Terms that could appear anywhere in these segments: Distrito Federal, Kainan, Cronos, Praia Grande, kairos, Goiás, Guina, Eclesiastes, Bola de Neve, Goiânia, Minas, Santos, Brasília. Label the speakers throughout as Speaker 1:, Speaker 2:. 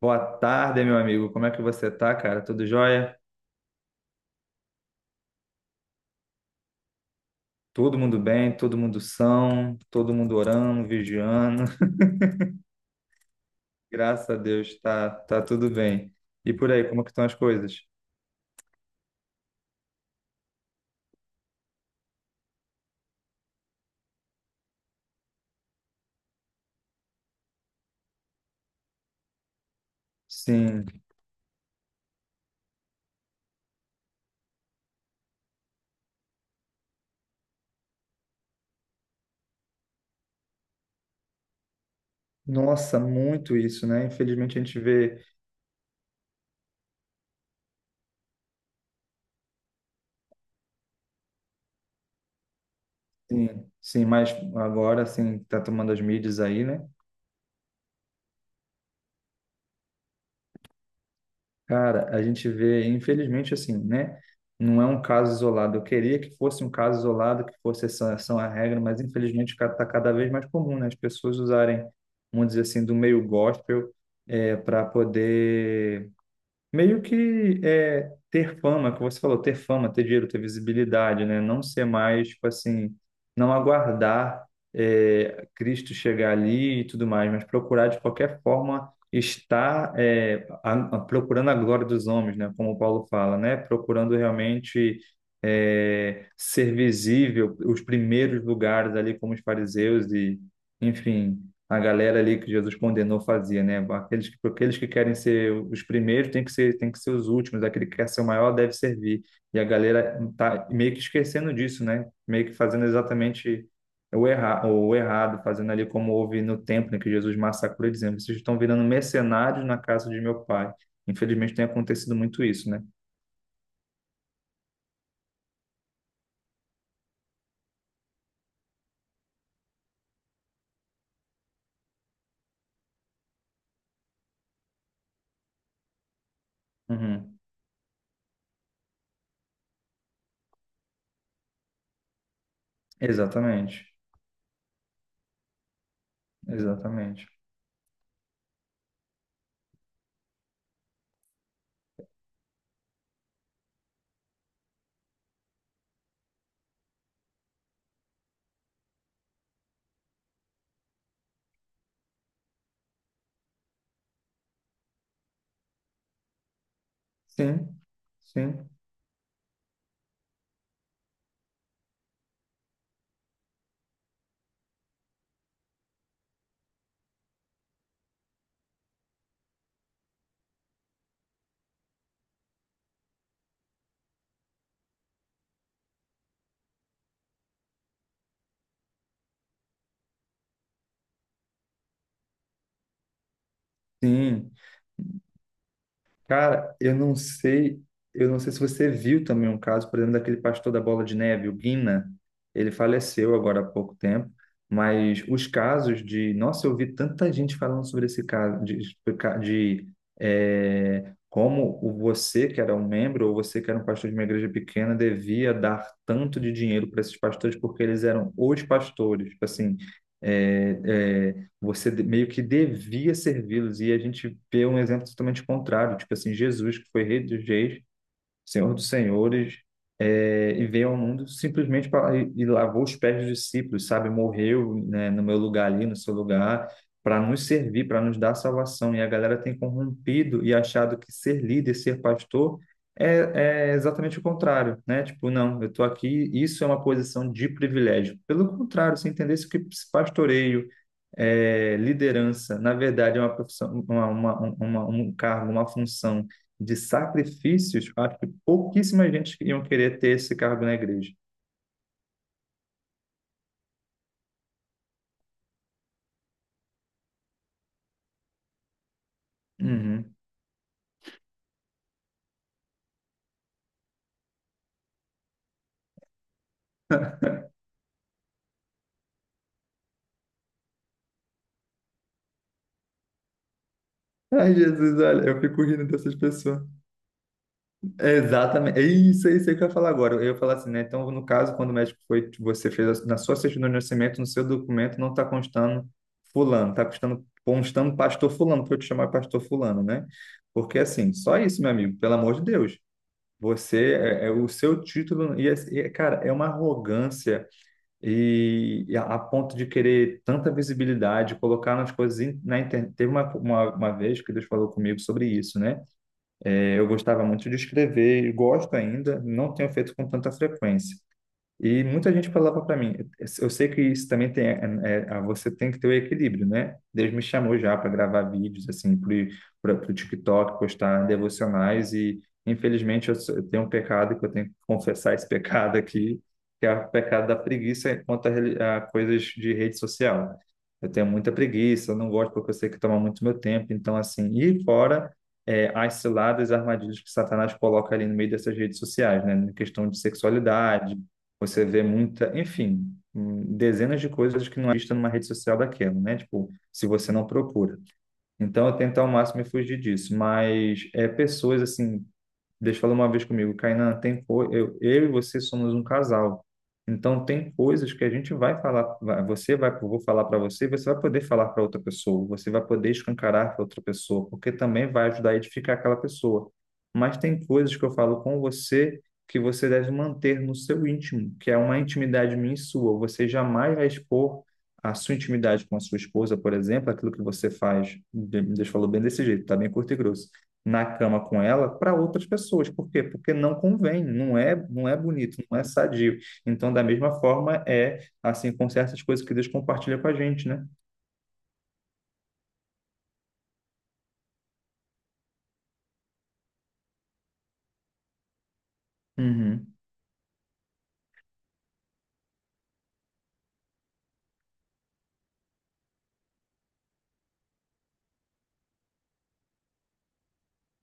Speaker 1: Boa tarde, meu amigo. Como é que você tá, cara? Tudo jóia? Todo mundo bem, todo mundo são, todo mundo orando, vigiando. Graças a Deus, tá, tá tudo bem. E por aí, como que estão as coisas? Sim. Nossa, muito isso, né? Infelizmente a gente vê, sim, sim, mas agora, assim, tá tomando as mídias aí, né? Cara, a gente vê, infelizmente, assim, né? Não é um caso isolado. Eu queria que fosse um caso isolado, que fosse essa, essa a regra, mas infelizmente está cada vez mais comum, né? As pessoas usarem, vamos dizer assim, do meio gospel para poder meio ter fama, que você falou, ter fama, ter dinheiro, ter visibilidade, né? Não ser mais, tipo assim, não aguardar Cristo chegar ali e tudo mais, mas procurar de qualquer forma estar procurando a glória dos homens, né? Como o Paulo fala, né? Procurando realmente ser visível, os primeiros lugares ali, como os fariseus e, enfim, a galera ali que Jesus condenou fazia, né? Aqueles que querem ser os primeiros tem que ser os últimos, aquele que quer ser o maior deve servir. E a galera tá meio que esquecendo disso, né? Meio que fazendo exatamente o errado, fazendo ali como houve no templo, né? Que Jesus massacrou, dizendo: vocês estão virando mercenários na casa de meu pai. Infelizmente tem acontecido muito isso, né? Uhum. Exatamente, exatamente. Sim, sim. Sim, cara, eu não sei, se você viu também um caso, por exemplo, daquele pastor da Bola de Neve, o Guina. Ele faleceu agora há pouco tempo, mas os casos de, nossa, eu vi tanta gente falando sobre esse caso, de, de como o você que era um membro ou você que era um pastor de uma igreja pequena devia dar tanto de dinheiro para esses pastores porque eles eram os pastores, tipo assim, é, é, você meio que devia servi-los. E a gente vê um exemplo totalmente contrário, tipo assim, Jesus, que foi rei dos reis, Senhor dos Senhores, e veio ao mundo simplesmente para e lavou os pés dos discípulos, sabe? Morreu, né, no meu lugar ali, no seu lugar, para nos servir, para nos dar salvação. E a galera tem corrompido e achado que ser líder, ser pastor é exatamente o contrário, né? Tipo, não, eu estou aqui, isso é uma posição de privilégio. Pelo contrário, se entendesse que pastoreio, liderança, na verdade, é uma profissão, um cargo, uma função de sacrifícios, pouquíssima gente que iam querer ter esse cargo na igreja. Uhum. Ai, Jesus, olha, eu fico rindo dessas pessoas. É, exatamente. É isso, é isso aí que eu ia falar agora. Eu ia falar assim, né? Então, no caso, quando o médico foi, você fez na sua certidão de nascimento, no seu documento, não está constando fulano, está constando pastor fulano, para eu te chamar pastor fulano, né? Porque assim, só isso, meu amigo, pelo amor de Deus. Você, é o seu título, e, e, cara, é uma arrogância e, a ponto de querer tanta visibilidade, colocar nas na internet. Teve uma vez que Deus falou comigo sobre isso, né? É, eu gostava muito de escrever, e gosto ainda, não tenho feito com tanta frequência. E muita gente falava para mim, eu sei que isso também tem, você tem que ter o equilíbrio, né? Deus me chamou já para gravar vídeos assim para o TikTok, postar devocionais, e infelizmente eu, eu tenho um pecado que eu tenho que confessar esse pecado aqui, que é o pecado da preguiça quanto a coisas de rede social. Eu tenho muita preguiça, eu não gosto porque eu sei que toma muito meu tempo, então assim, e fora as ciladas, as armadilhas que Satanás coloca ali no meio dessas redes sociais, né? Na questão de sexualidade, você vê muita, enfim, dezenas de coisas que não é vista numa rede social daquela, né? Tipo, se você não procura. Então, eu tento ao máximo me fugir disso. Mas é pessoas, assim, Deus falou uma vez comigo, Kainan, tem eu, e você somos um casal. Então tem coisas que a gente vai falar, você vai, eu vou falar para você, você vai poder falar para outra pessoa, você vai poder escancarar para outra pessoa, porque também vai ajudar a edificar aquela pessoa. Mas tem coisas que eu falo com você que você deve manter no seu íntimo, que é uma intimidade minha e sua. Você jamais vai expor a sua intimidade com a sua esposa, por exemplo, aquilo que você faz. Deus falou bem desse jeito, tá bem curto e grosso na cama com ela para outras pessoas. Por quê? Porque não convém, não é, não é bonito, não é sadio. Então, da mesma forma, é assim com certas coisas que Deus compartilha com a gente, né? Uhum.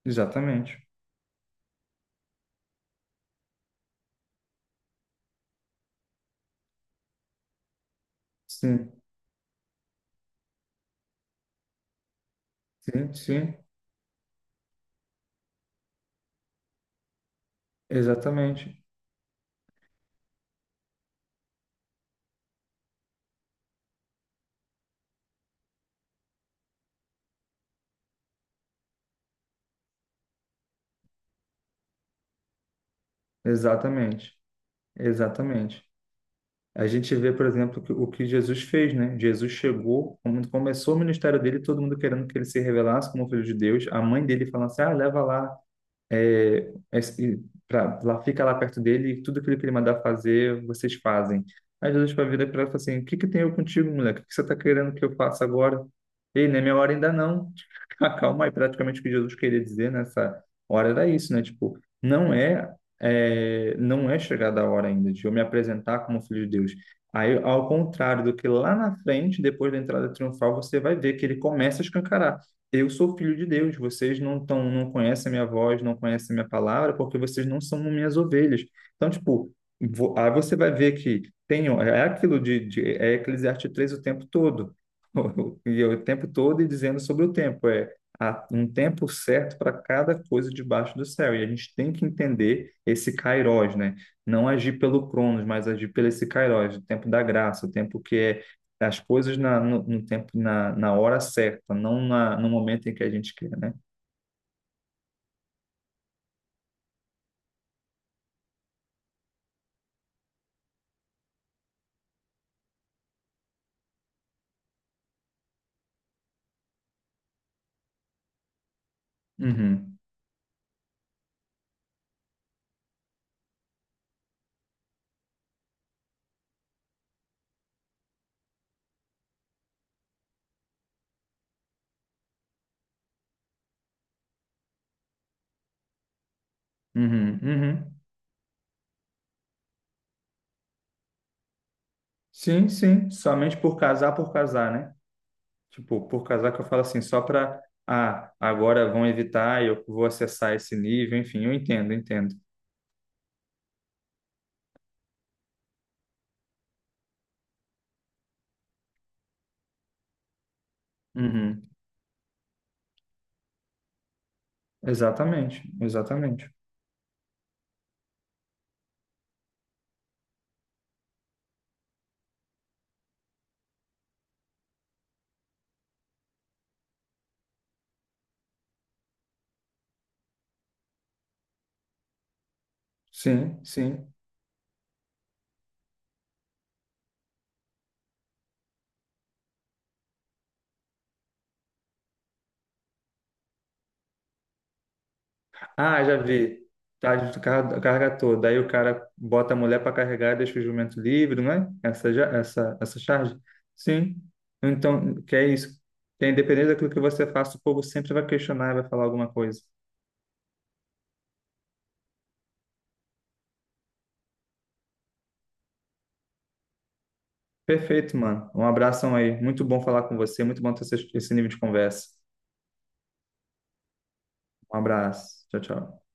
Speaker 1: Exatamente. Sim, sim, sim. Exatamente. Exatamente. Exatamente. A gente vê, por exemplo, o que Jesus fez, né? Jesus chegou, quando começou o ministério dele, todo mundo querendo que ele se revelasse como filho de Deus. A mãe dele falando assim: ah, leva lá, pra, lá fica lá perto dele e tudo aquilo que ele mandar fazer, vocês fazem. Aí Jesus vai virar para ela e fala assim: o que que tem eu contigo, moleque? O que você está querendo que eu faça agora? Ei, não é minha hora ainda não. Calma aí, praticamente o que Jesus queria dizer nessa hora era isso, né? Tipo, não é, não é chegada a hora ainda de eu me apresentar como filho de Deus. Aí, ao contrário do que lá na frente, depois da entrada triunfal, você vai ver que ele começa a escancarar, eu sou filho de Deus, vocês não tão, não conhecem a minha voz, não conhecem a minha palavra, porque vocês não são minhas ovelhas. Então, tipo, aí você vai ver que tem, é aquilo de é Eclesiastes 3 o tempo todo, e é o tempo todo e dizendo sobre o tempo, é, há um tempo certo para cada coisa debaixo do céu, e a gente tem que entender esse kairos, né? Não agir pelo Cronos, mas agir pelo esse kairos, o tempo da graça, o tempo que é as coisas na, no, no tempo, na hora certa, no momento em que a gente quer, né? Uhum, uhum, uhum. Sim, sim, somente por casar, né? Tipo, por casar que eu falo assim, só para, ah, agora vão evitar, eu vou acessar esse nível, enfim, eu entendo, entendo. Uhum. Exatamente, exatamente. Sim, sim. Ah, já vi. Tá, a carga carga toda. Aí o cara bota a mulher para carregar e deixa o jumento livre, não é? Essa, essa charge? Sim. Então, que é isso. Que independente daquilo que você faça, o povo sempre vai questionar e vai falar alguma coisa. Perfeito, mano. Um abração aí. Muito bom falar com você. Muito bom ter esse nível de conversa. Um abraço. Tchau, tchau.